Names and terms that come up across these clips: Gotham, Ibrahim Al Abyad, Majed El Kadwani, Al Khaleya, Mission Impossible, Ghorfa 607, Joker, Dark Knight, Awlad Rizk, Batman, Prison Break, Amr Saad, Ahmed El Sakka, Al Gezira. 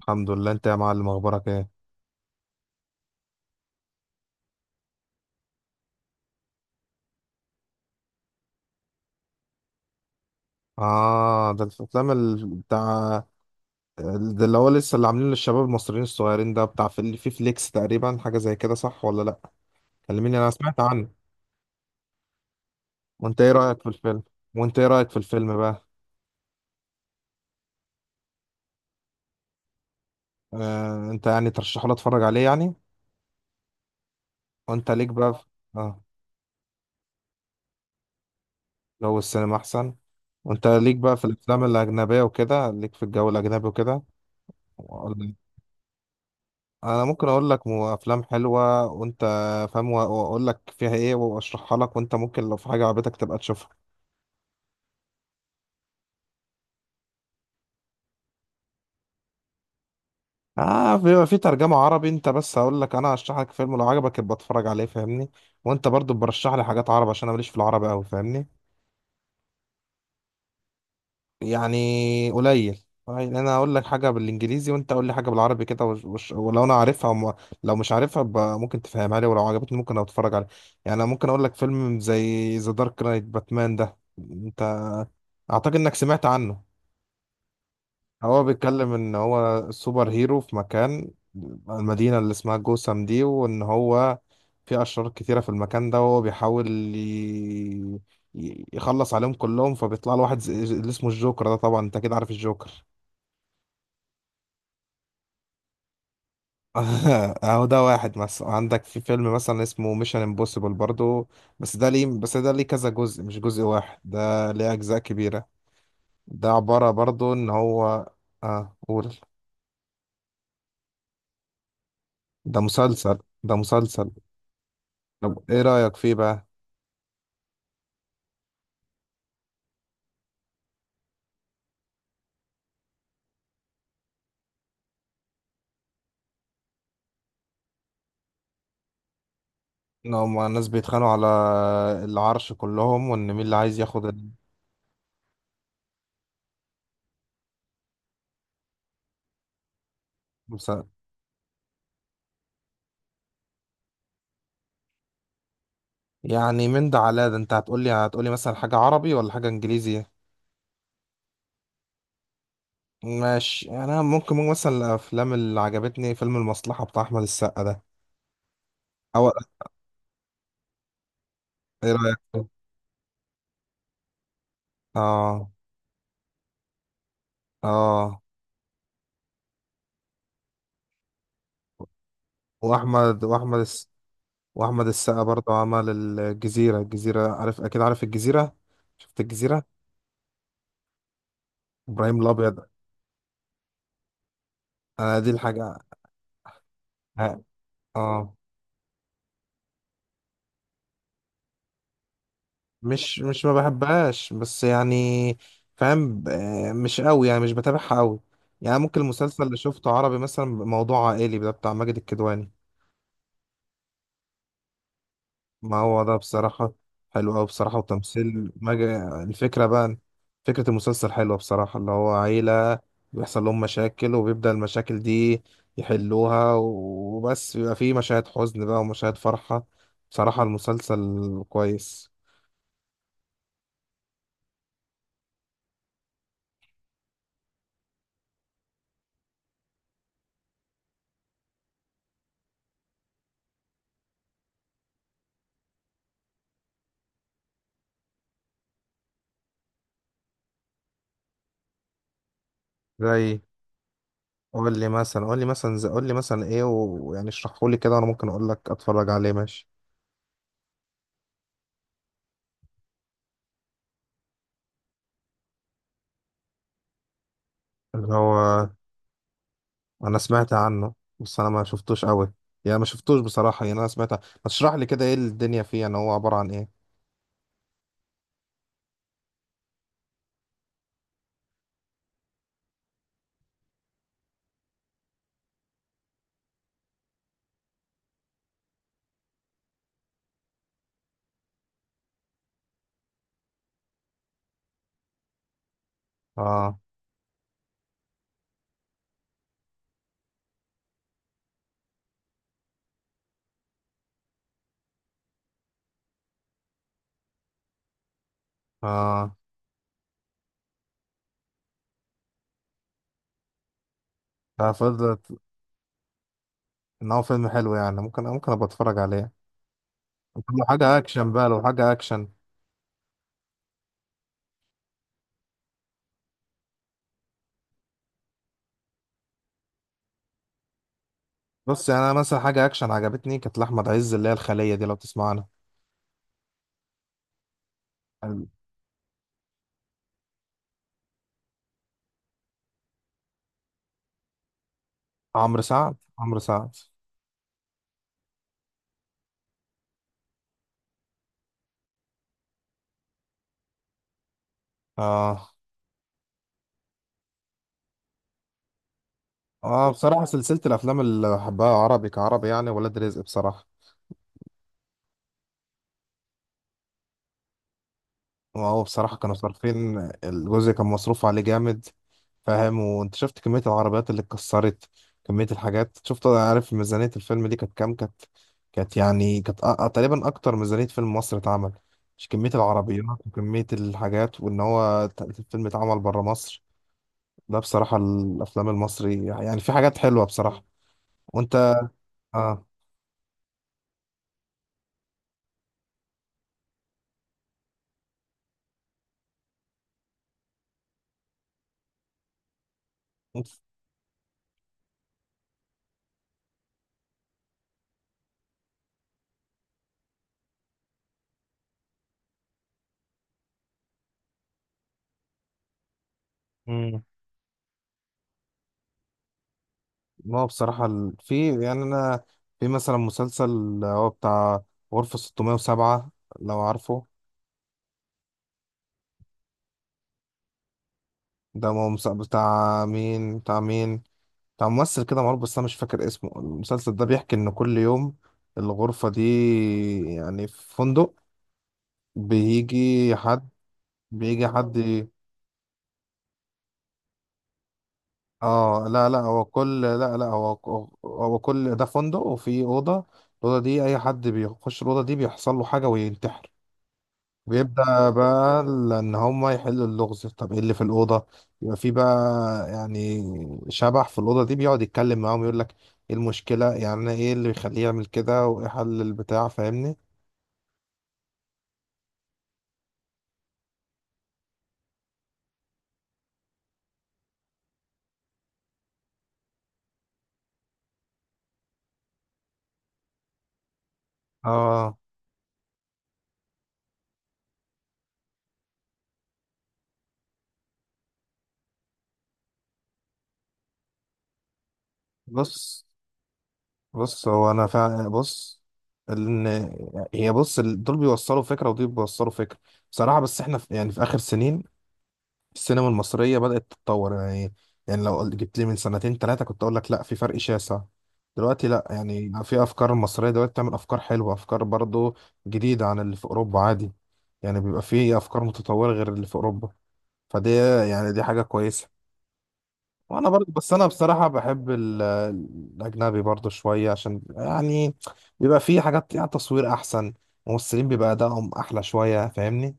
الحمد لله. انت يا معلم اخبارك ايه؟ اه، ده الافلام بتاع، ده اللي هو لسه اللي عاملينه للشباب المصريين الصغيرين، ده بتاع في فليكس تقريبا، حاجه زي كده صح ولا لا؟ كلميني، انا سمعت عنه. وانت ايه رايك في الفيلم؟ وانت ايه رايك في الفيلم بقى؟ آه، انت يعني ترشحه لي اتفرج عليه يعني. وانت ليك بقى في... اه، جو السينما احسن. وانت ليك بقى في الافلام الاجنبيه وكده، ليك في الجو الاجنبي وكده. انا ممكن اقول لك افلام حلوه وانت فاهم، واقول لك فيها ايه واشرحها لك، وانت ممكن لو في حاجه عجبتك تبقى تشوفها. اه، بيبقى في ترجمه عربي. انت بس هقول لك، انا هشرح لك فيلم لو عجبك يبقى اتفرج عليه فاهمني. وانت برضو برشح لي حاجات عربي عشان انا ماليش في العربي قوي فاهمني. يعني قليل يعني، انا اقول لك حاجه بالانجليزي وانت قول لي حاجه بالعربي كده. ولو انا عارفها لو مش عارفها يبقى ممكن تفهمها لي، ولو عجبتني ممكن اتفرج عليه. يعني انا ممكن اقول لك فيلم زي ذا دارك نايت باتمان ده. اعتقد انك سمعت عنه. هو بيتكلم ان هو سوبر هيرو في مكان، المدينة اللي اسمها جوثام دي، وان هو في اشرار كتيرة في المكان ده، وهو بيحاول ي... يخلص عليهم كلهم. فبيطلع له واحد اللي اسمه الجوكر ده. طبعا انت اكيد عارف الجوكر. اهو ده واحد. مثلا عندك في فيلم مثلا اسمه ميشن امبوسيبل برضو. بس ده ليه كذا جزء مش جزء واحد، ده ليه اجزاء كبيرة. ده عبارة برضو ان هو، اه قول. ده مسلسل، ده مسلسل. طب ايه رأيك فيه بقى؟ ان هما الناس بيتخانقوا على العرش كلهم، وان مين اللي عايز ياخد المسا- يعني من ده على ده انت هتقولي مثلا حاجة عربي ولا حاجة انجليزي. ماشي، انا ممكن مثلا الافلام اللي عجبتني فيلم المصلحة بتاع احمد السقا ده. او ايه رأيك فيه؟ اه، اه، واحمد واحمد الس... واحمد السقا برضه عمل الجزيرة. الجزيرة، عارف اكيد عارف الجزيرة؟ شفت الجزيرة؟ ابراهيم الابيض. انا دي الحاجة. اه، مش مش ما بحبهاش بس يعني فاهم، مش قوي يعني مش بتابعها قوي. يعني ممكن المسلسل اللي شفته عربي مثلا موضوع عائلي، ده بتاع ماجد الكدواني. ما هو ده بصراحة حلو قوي بصراحة، وتمثيل ماجد. الفكرة بقى، فكرة المسلسل حلوة بصراحة. اللي هو عيلة بيحصل لهم مشاكل، وبيبدأ المشاكل دي يحلوها وبس. بيبقى فيه مشاهد حزن بقى ومشاهد فرحة. بصراحة المسلسل كويس. زي، قول لي مثلا ايه ويعني اشرحه لي كده، وانا ممكن اقول لك اتفرج عليه ماشي. اللي هو، انا سمعت عنه بس انا ما شفتوش قوي، يعني ما شفتوش بصراحة. يعني انا سمعت عنه. ما تشرح لي كده ايه الدنيا فيه، يعني هو عبارة عن ايه؟ اه، اه، ففضلت ان هو فيلم حلو، يعني ممكن ابقى اتفرج عليه. لو حاجة اكشن بقى، لو حاجة اكشن. بص، يعني انا مثلا حاجة اكشن عجبتني كانت لأحمد عز، اللي هي الخلية دي لو تسمع عنها. عمرو سعد، عمرو سعد. اه، اه، بصراحة سلسلة الأفلام اللي بحبها عربي كعربي يعني ولاد رزق بصراحة. وهو بصراحة كانوا صارفين. الجزء كان مصروف عليه جامد. فاهم، وانت شفت كمية العربيات اللي اتكسرت، كمية الحاجات. شفت عارف ميزانية الفيلم دي كانت كام؟ كانت يعني كانت تقريبا أكتر ميزانية فيلم مصر اتعمل. مش كمية العربيات وكمية الحاجات، وإن هو الفيلم اتعمل برا مصر. ده بصراحة الأفلام المصري يعني في حاجات حلوة بصراحة. وأنت. اه، ما هو بصراحة في يعني أنا، في مثلا مسلسل هو بتاع غرفة 607 لو عارفه. ده هو بتاع مين؟ بتاع مين؟ بتاع ممثل كده معروف بس أنا مش فاكر اسمه. المسلسل ده بيحكي إن كل يوم الغرفة دي، يعني في فندق بيجي حد، بيجي حد. اه، لا لا هو هو كل ده فندق وفي أوضة. الأوضة دي أي حد بيخش الأوضة دي بيحصل له حاجة وينتحر. بيبدأ بقى ان هما يحلوا اللغز. طب ايه اللي في الأوضة؟ يبقى في بقى، يعني شبح في الأوضة دي. بيقعد يتكلم معاهم، يقول لك ايه المشكلة، يعني ايه اللي يخليه يعمل كده، وايه حل البتاع فاهمني؟ اه، بص بص هو انا فا بص ان هي، بص دول بيوصلوا فكرة ودول بيوصلوا فكرة بصراحة. بس احنا في يعني في آخر سنين السينما المصرية بدأت تتطور يعني. يعني لو جبت لي من سنتين ثلاثة كنت أقول لك لا في فرق شاسع. دلوقتي لا، يعني في أفكار مصرية دلوقتي بتعمل أفكار حلوة، أفكار برضو جديدة عن اللي في أوروبا عادي. يعني بيبقى في أفكار متطورة غير اللي في أوروبا. فدي يعني دي حاجة كويسة. وأنا برضو، بس أنا بصراحة بحب الأجنبي برضو شوية عشان يعني بيبقى في حاجات، يعني تصوير أحسن، ممثلين بيبقى أدائهم أحلى شوية فاهمني؟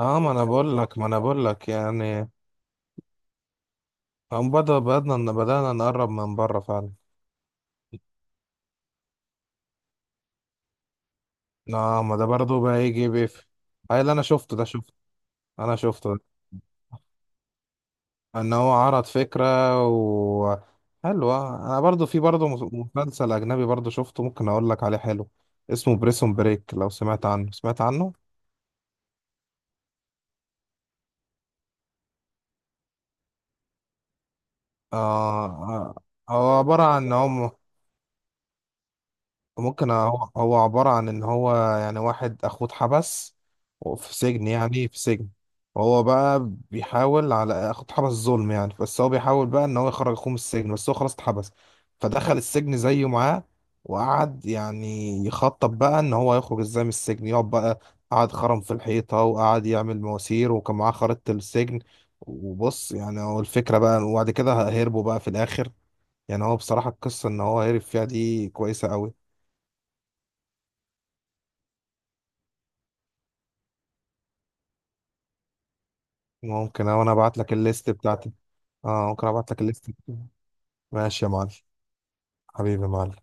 اه، ما انا بقول لك يعني. هم بدأنا إن بدأنا نقرب من بره فعلا. لا، ما ده برضه بقى يجي بيف هاي. اللي أنا شفته ده شفته أنا شفته ده. إن هو عرض فكرة و حلوة. أنا برضه في برضه مسلسل أجنبي برضه شفته، ممكن أقول لك عليه حلو. اسمه بريسون بريك. لو سمعت عنه، سمعت عنه؟ آه، آه، هو عبارة عن إن هم. ممكن، هو عبارة عن إن هو يعني واحد أخوه اتحبس وفي سجن يعني في سجن. وهو بقى بيحاول، على أخوه اتحبس ظلم يعني، بس هو بيحاول بقى إن هو يخرج أخوه من السجن. بس هو خلاص اتحبس فدخل السجن زيه معاه، وقعد يعني يخطط بقى إن هو يخرج إزاي من السجن. يقعد بقى، قعد خرم في الحيطة وقعد يعمل مواسير وكان معاه خريطة السجن. وبص يعني هو الفكرة بقى. وبعد كده هربوا بقى في الآخر. يعني هو بصراحة القصة إن هو هرب فيها دي كويسة أوي. ممكن، أه، وانا ابعت لك الليست بتاعتي. اه، ممكن ابعت لك الليست بتاعتي. ماشي يا معلم. حبيبي يا معلم.